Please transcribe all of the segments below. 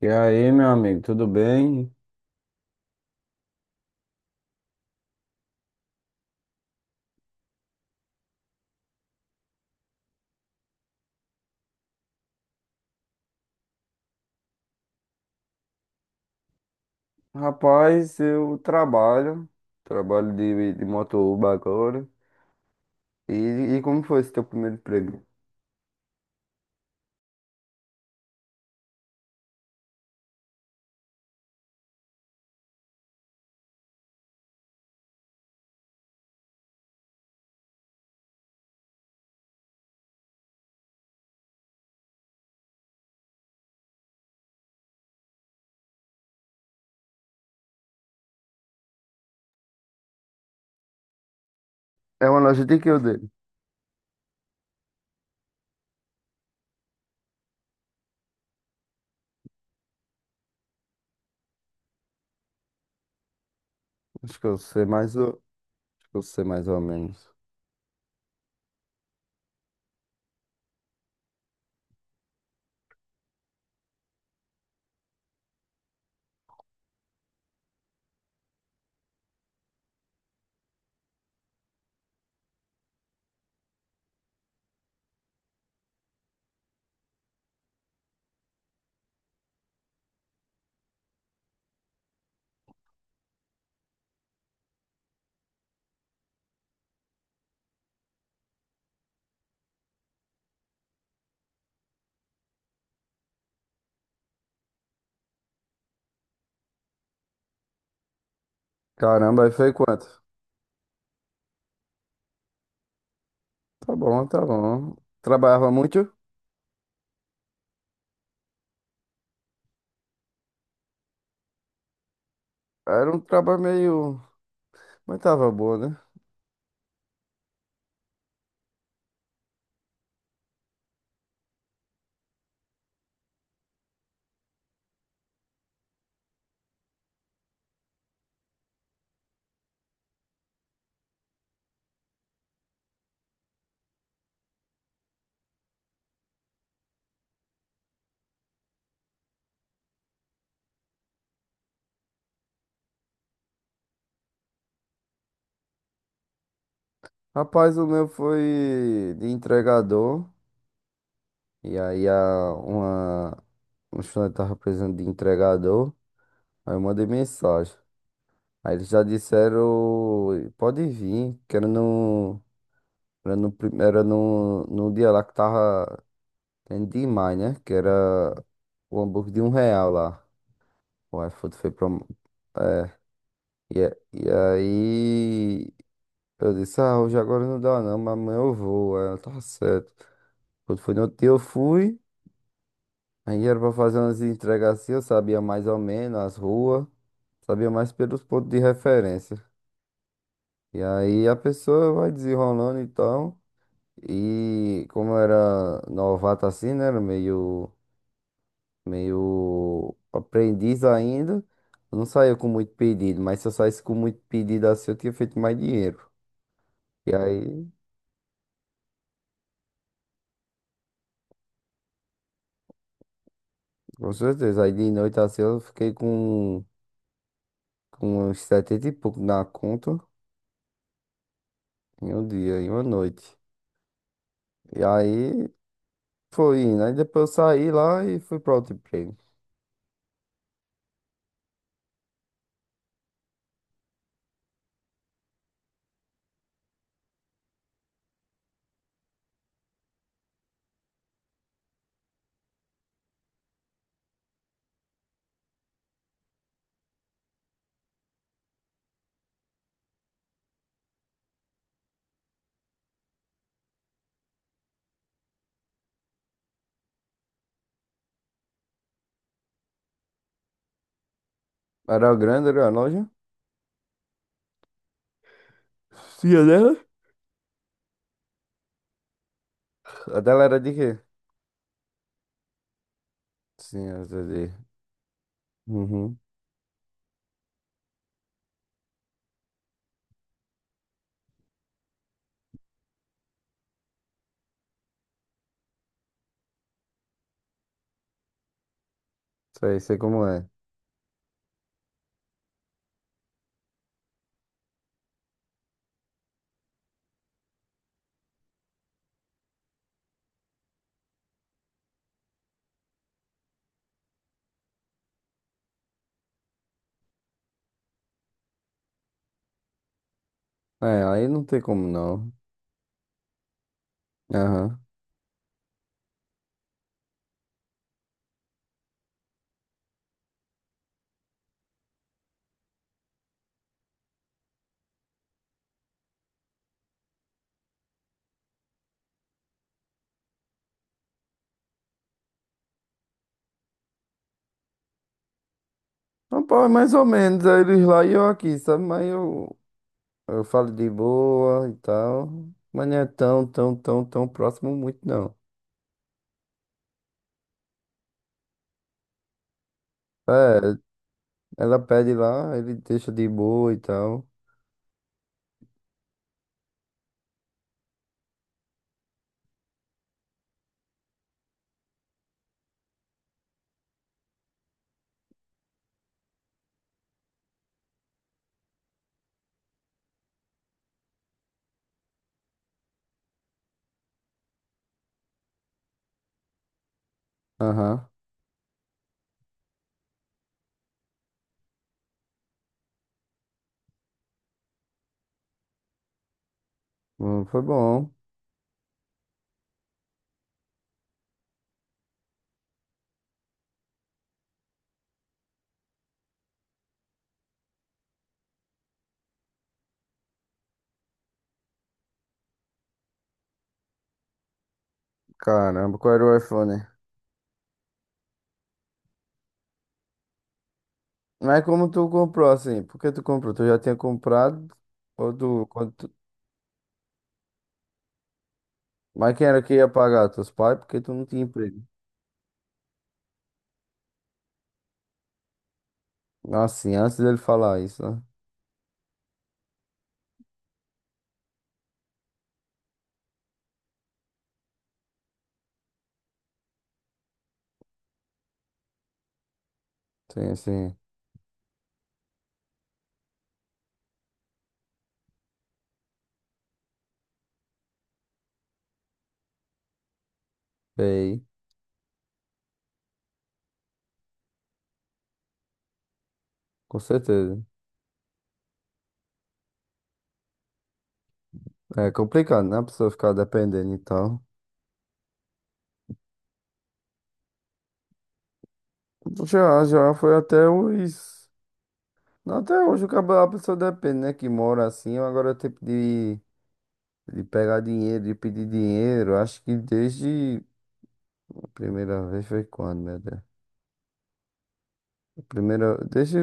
E aí, meu amigo, tudo bem? Rapaz, eu trabalho, trabalho de motoboy agora. E, e como foi esse teu primeiro emprego? É uma loja de que eu dei? Acho que eu sei mais ou, Acho que eu sei mais ou menos. Caramba, aí foi quanto? Tá bom, tá bom. Trabalhava muito? Era um trabalho meio... Mas tava bom, né? Rapaz, o meu foi de entregador. E aí a, uma... Um estudante tava precisando de entregador. Aí eu mandei mensagem. Aí eles já disseram, pode vir, que era no, prim- era no, no dia lá que tava tendo demais, né? Que era o hambúrguer de um real lá. O iFood foi promo... É, e aí eu disse, ah, hoje agora não dá não, mas amanhã eu vou. Aí ela, tá certo. Quando foi no outro dia eu fui, aí era pra fazer umas entregas assim, eu sabia mais ou menos as ruas, sabia mais pelos pontos de referência. E aí a pessoa vai desenrolando então. E como eu era novato assim, né? Era meio, meio aprendiz ainda. Eu não saía com muito pedido, mas se eu saísse com muito pedido assim, eu tinha feito mais dinheiro. E aí, com certeza, aí de noite assim eu fiquei com uns 70 e pouco na conta em um dia, em uma noite. E aí foi indo. Aí depois eu saí lá e fui pra outro emprego. Era grande, era a loja. Sim, a dela? A dela era de quê? Sim, era de. Uhum. Sei, sei como é. É, aí não tem como não. Aham. Rapaz, é mais ou menos, aí eles lá e eu aqui, sabe? Eu falo de boa e tal. Mas não é tão, tão, tão, tão próximo muito, não. É, ela pede lá, ele deixa de boa e tal. Aham. Foi bom. Caramba, qual era o iPhone? Mas como tu comprou assim? Por que tu comprou? Tu já tinha comprado? Ou tu, quando. Mas quem era que ia pagar? Teus pais? Porque tu não tinha emprego. Assim, antes dele falar isso, né? Sim, sim. Ei, com certeza. É complicado, né? A pessoa ficar dependendo e tal. Já, já foi até os. Não, até hoje o cabo- a pessoa depende, né? Que mora assim, agora tipo de pegar dinheiro, de pedir dinheiro. Acho que desde. A primeira vez foi quando, meu Deus? A primeira. Deixa,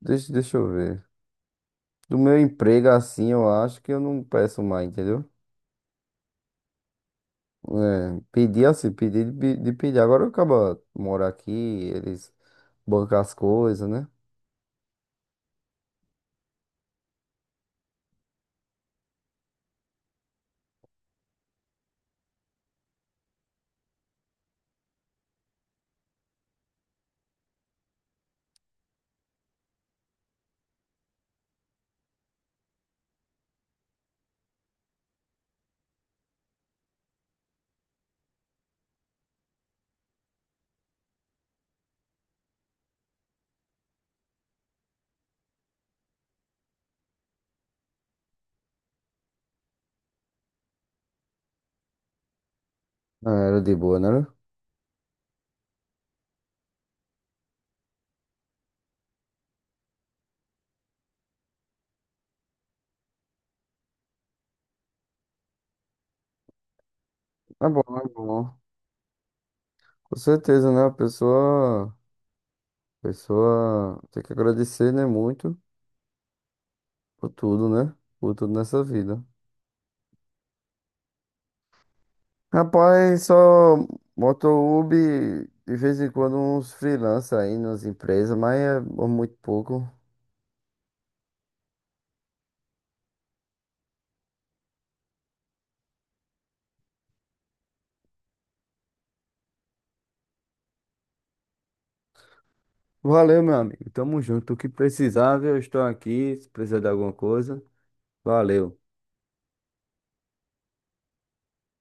deixa, Deixa eu ver. Do meu emprego assim, eu acho que eu não peço mais, entendeu? É, pedir assim, pedir de pedir. Agora eu acabo morar aqui, eles bancam as coisas, né? Ah, era de boa, né? É bom, é bom. Com certeza, né? A pessoa tem que agradecer, né? Muito por tudo, né? Por tudo nessa vida. Rapaz, só motohub de vez em quando uns freelancers aí nas empresas, mas é muito pouco. Valeu, meu amigo. Tamo junto. O que precisar, viu? Eu estou aqui. Se precisar de alguma coisa, valeu.